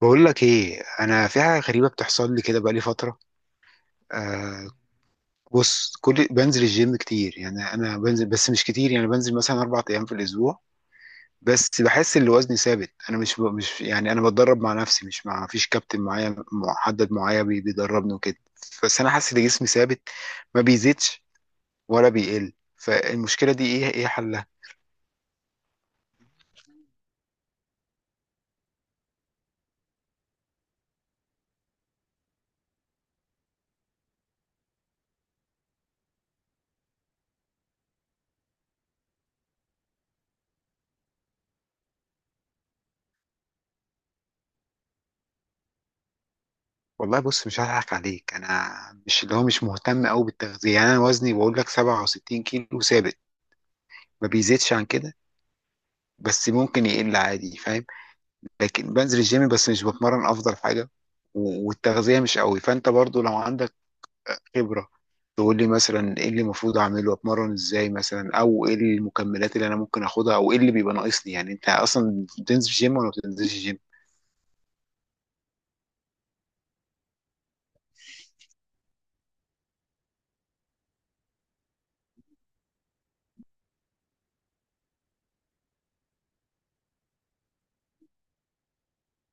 بقول لك ايه، انا في حاجه غريبه بتحصل لي كده بقالي فتره. آه. بص، كل بنزل الجيم كتير، يعني انا بنزل بس مش كتير، يعني بنزل مثلا 4 ايام في الاسبوع. بس بحس ان وزني ثابت، انا مش مش، يعني انا بتدرب مع نفسي مش مع، فيش كابتن معايا محدد معايا بيدربني وكده. بس انا حاسس ان جسمي ثابت، ما بيزيدش ولا بيقل. فالمشكله دي ايه؟ ايه حلها؟ والله بص، مش هضحك عليك انا. مش اللي هو مش مهتم قوي بالتغذيه، يعني انا وزني بقول لك 67 كيلو ثابت، ما بيزيدش عن كده، بس ممكن يقل عادي، فاهم. لكن بنزل الجيم بس مش بتمرن افضل حاجه، والتغذيه مش قوي، فانت برضو لو عندك خبره تقول لي مثلا ايه اللي المفروض اعمله، اتمرن ازاي مثلا، او ايه المكملات اللي انا ممكن اخدها، او ايه اللي بيبقى ناقصني. يعني انت اصلا بتنزل جيم ولا ما بتنزلش جيم؟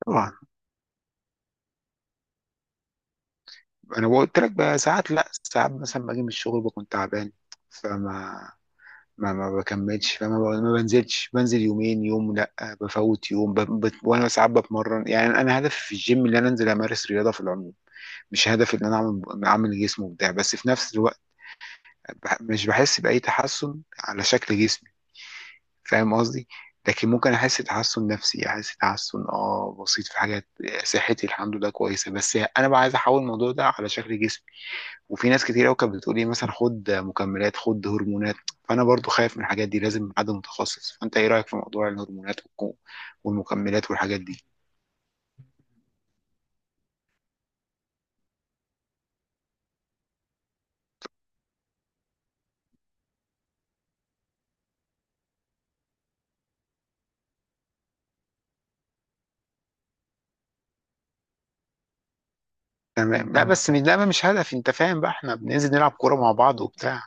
طبعا. انا قلت لك بقى ساعات، لا ساعات مثلا باجي من الشغل بكون تعبان، فما ما ما بكملش، فما ما بنزلش، بنزل يومين، يوم لا بفوت يوم، وانا ساعات بتمرن. يعني انا هدفي في الجيم ان انا انزل امارس رياضه في العموم، مش هدفي ان انا اعمل جسم وبتاع. بس في نفس الوقت مش بحس باي تحسن على شكل جسمي، فاهم قصدي؟ لكن ممكن احس تحسن نفسي، احس تحسن اه بسيط في حاجات. صحتي الحمد لله كويسه، بس انا بقى عايز احول الموضوع ده على شكل جسمي. وفي ناس كتير قوي كانت بتقول لي مثلا خد مكملات، خد هرمونات. فانا برضو خايف من الحاجات دي، لازم حد متخصص. فانت ايه رايك في موضوع الهرمونات والمكملات والحاجات دي؟ تمام. لا بس ده مش هدف، انت فاهم بقى، احنا بننزل نلعب كوره مع بعض وبتاع.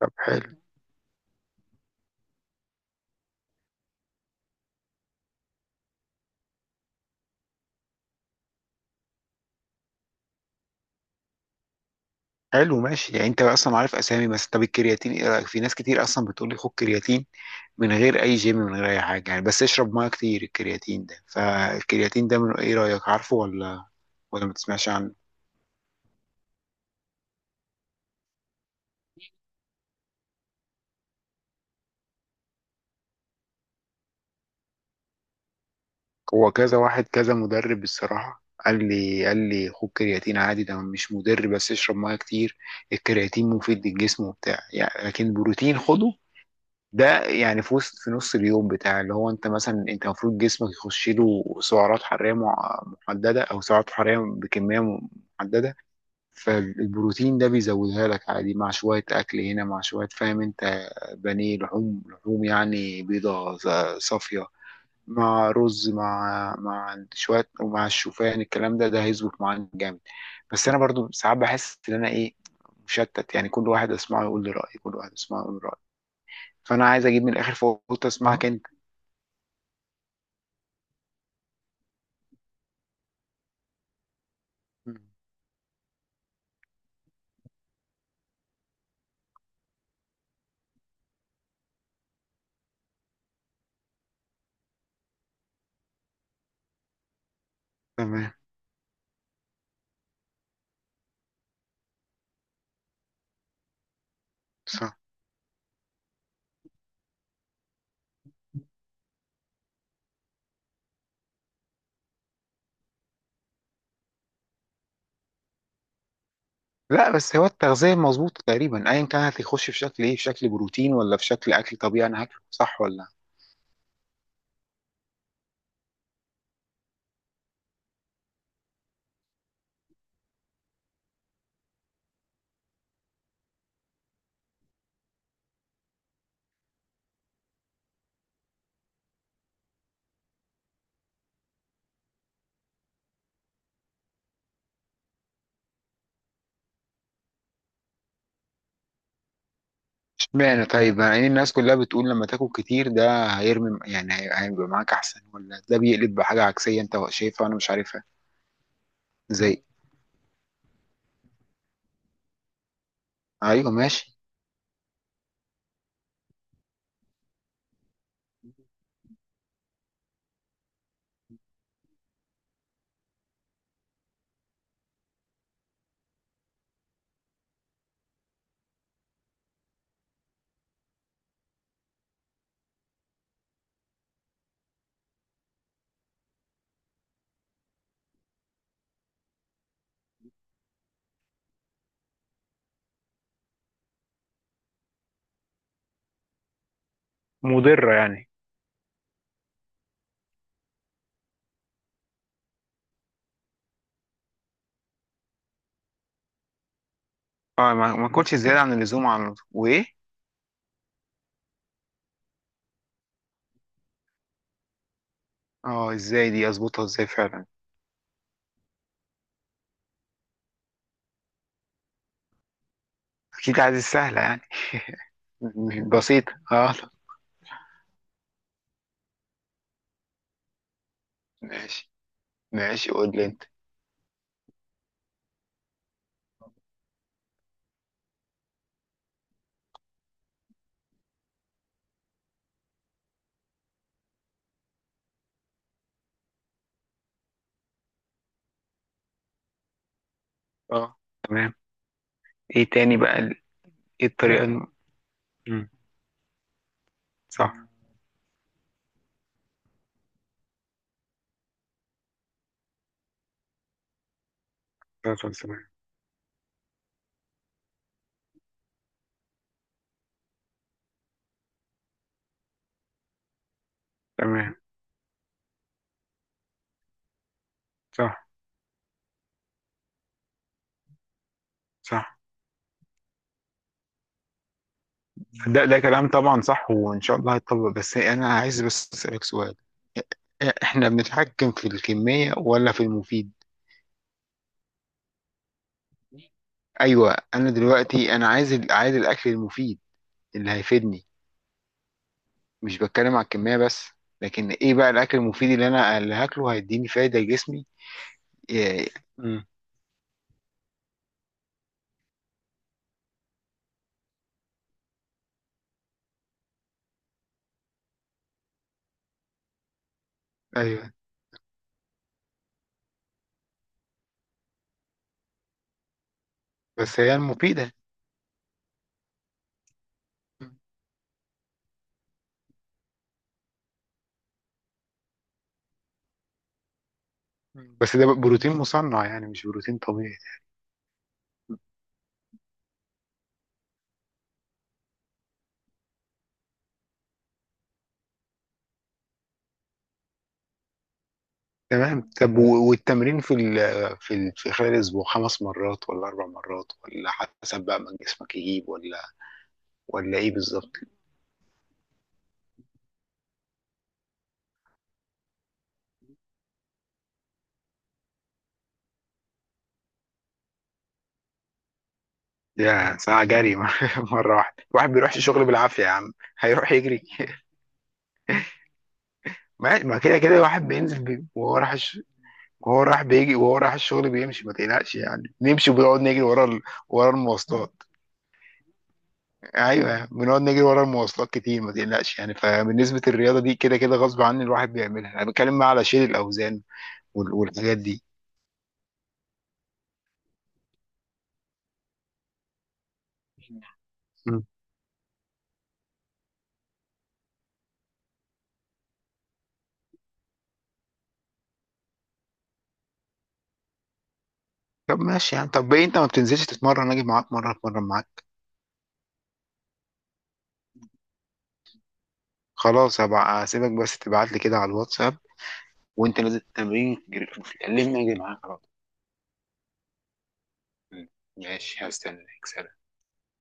طب حلو. حلو ماشي، يعني انت اصلا عارف اسامي. بس طب الكرياتين ايه رايك؟ في ناس كتير اصلا بتقول لي خد كرياتين من غير اي جيم، من غير اي حاجه، يعني بس اشرب ميه كتير الكرياتين ده. فالكرياتين ده من ايه رايك، عارفه ولا ولا ما تسمعش عنه؟ هو كذا واحد كذا مدرب الصراحة قال لي خد كرياتين عادي، ده مش مضر بس اشرب ميه كتير. الكرياتين مفيد للجسم وبتاع يعني. لكن بروتين خده، ده يعني في وسط، في نص اليوم بتاع، اللي هو انت مثلا انت المفروض جسمك يخش له سعرات حرارية محددة، او سعرات حرارية بكمية محددة. فالبروتين ده بيزودها لك عادي مع شوية أكل هنا مع شوية، فاهم أنت. بانيه، لحوم لحوم، يعني بيضة صافية، مع رز، مع شويه، ومع الشوفان، الكلام ده هيظبط معانا جامد. بس انا برضو ساعات بحس ان انا ايه، مشتت، يعني كل واحد اسمعه يقول لي رايه، كل واحد اسمعه يقول لي رايه. فانا عايز اجيب من الاخر، فقلت اسمعك اه انت. مم. تمام. صح. لا بس هو التغذيه مظبوطه تقريبا ايا كان، هتخش في شكل ايه، في شكل بروتين ولا في شكل اكل طبيعي، انا هاكله صح ولا؟ اشمعنى طيب، يعني الناس كلها بتقول لما تاكل كتير ده هيرمي، يعني هيبقى معاك احسن، ولا ده بيقلب بحاجه عكسيه انت شايفها وانا مش عارفها؟ زي. ايوه ماشي. مضرة يعني؟ اه، ما اكلش زيادة عن اللزوم، عن وايه. اه ازاي، دي اظبطها ازاي فعلا؟ اكيد عايز السهلة يعني. بسيطة اه. ماشي. ماشي قول لي انت. اه. تمام. ايه تاني بقى ايه الطريقة مم. صح صح صح صح. تمام. صح صح ده كلام طبعا صح، وان شاء الله هيتطبق. بس انا عايز بس اسألك سؤال، احنا بنتحكم في الكمية ولا في المفيد؟ ايوه، انا دلوقتي انا عايز عايز الاكل المفيد اللي هيفيدني، مش بتكلم على الكمية بس. لكن ايه بقى الاكل المفيد اللي هاكله هيديني فايدة لجسمي؟ إيه. مم. ايوه. بس هي المفيدة. مم. بس ده بقى بروتين مصنع، يعني مش بروتين طبيعي. تمام. طب والتمرين في خلال الاسبوع، 5 مرات ولا 4 مرات، ولا حسب بقى ما جسمك يجيب، ولا ايه بالظبط؟ يا ساعة جري مرة واحدة؟ الواحد بيروحش الشغل بالعافية يا عم. هيروح يجري ما كده كده الواحد بينزل وهو رايح، وهو راح بيجي، وهو راح الشغل بيمشي ما تقلقش يعني، نمشي وبنقعد نجري ورا ورا المواصلات. ايوه بنقعد نجري ورا المواصلات كتير، ما تقلقش يعني. فبالنسبه للرياضه دي كده كده غصب عني الواحد بيعملها، انا بتكلم بقى على شيل الاوزان والحاجات دي. مم. طب ماشي يعني، طب ايه انت ما بتنزلش تتمرن؟ اجي معاك مره اتمرن معاك. خلاص هبقى هسيبك، بس تبعت لي كده على الواتساب وانت نازل التمرين كلمني اجي معاك على طول. ماشي هستناك.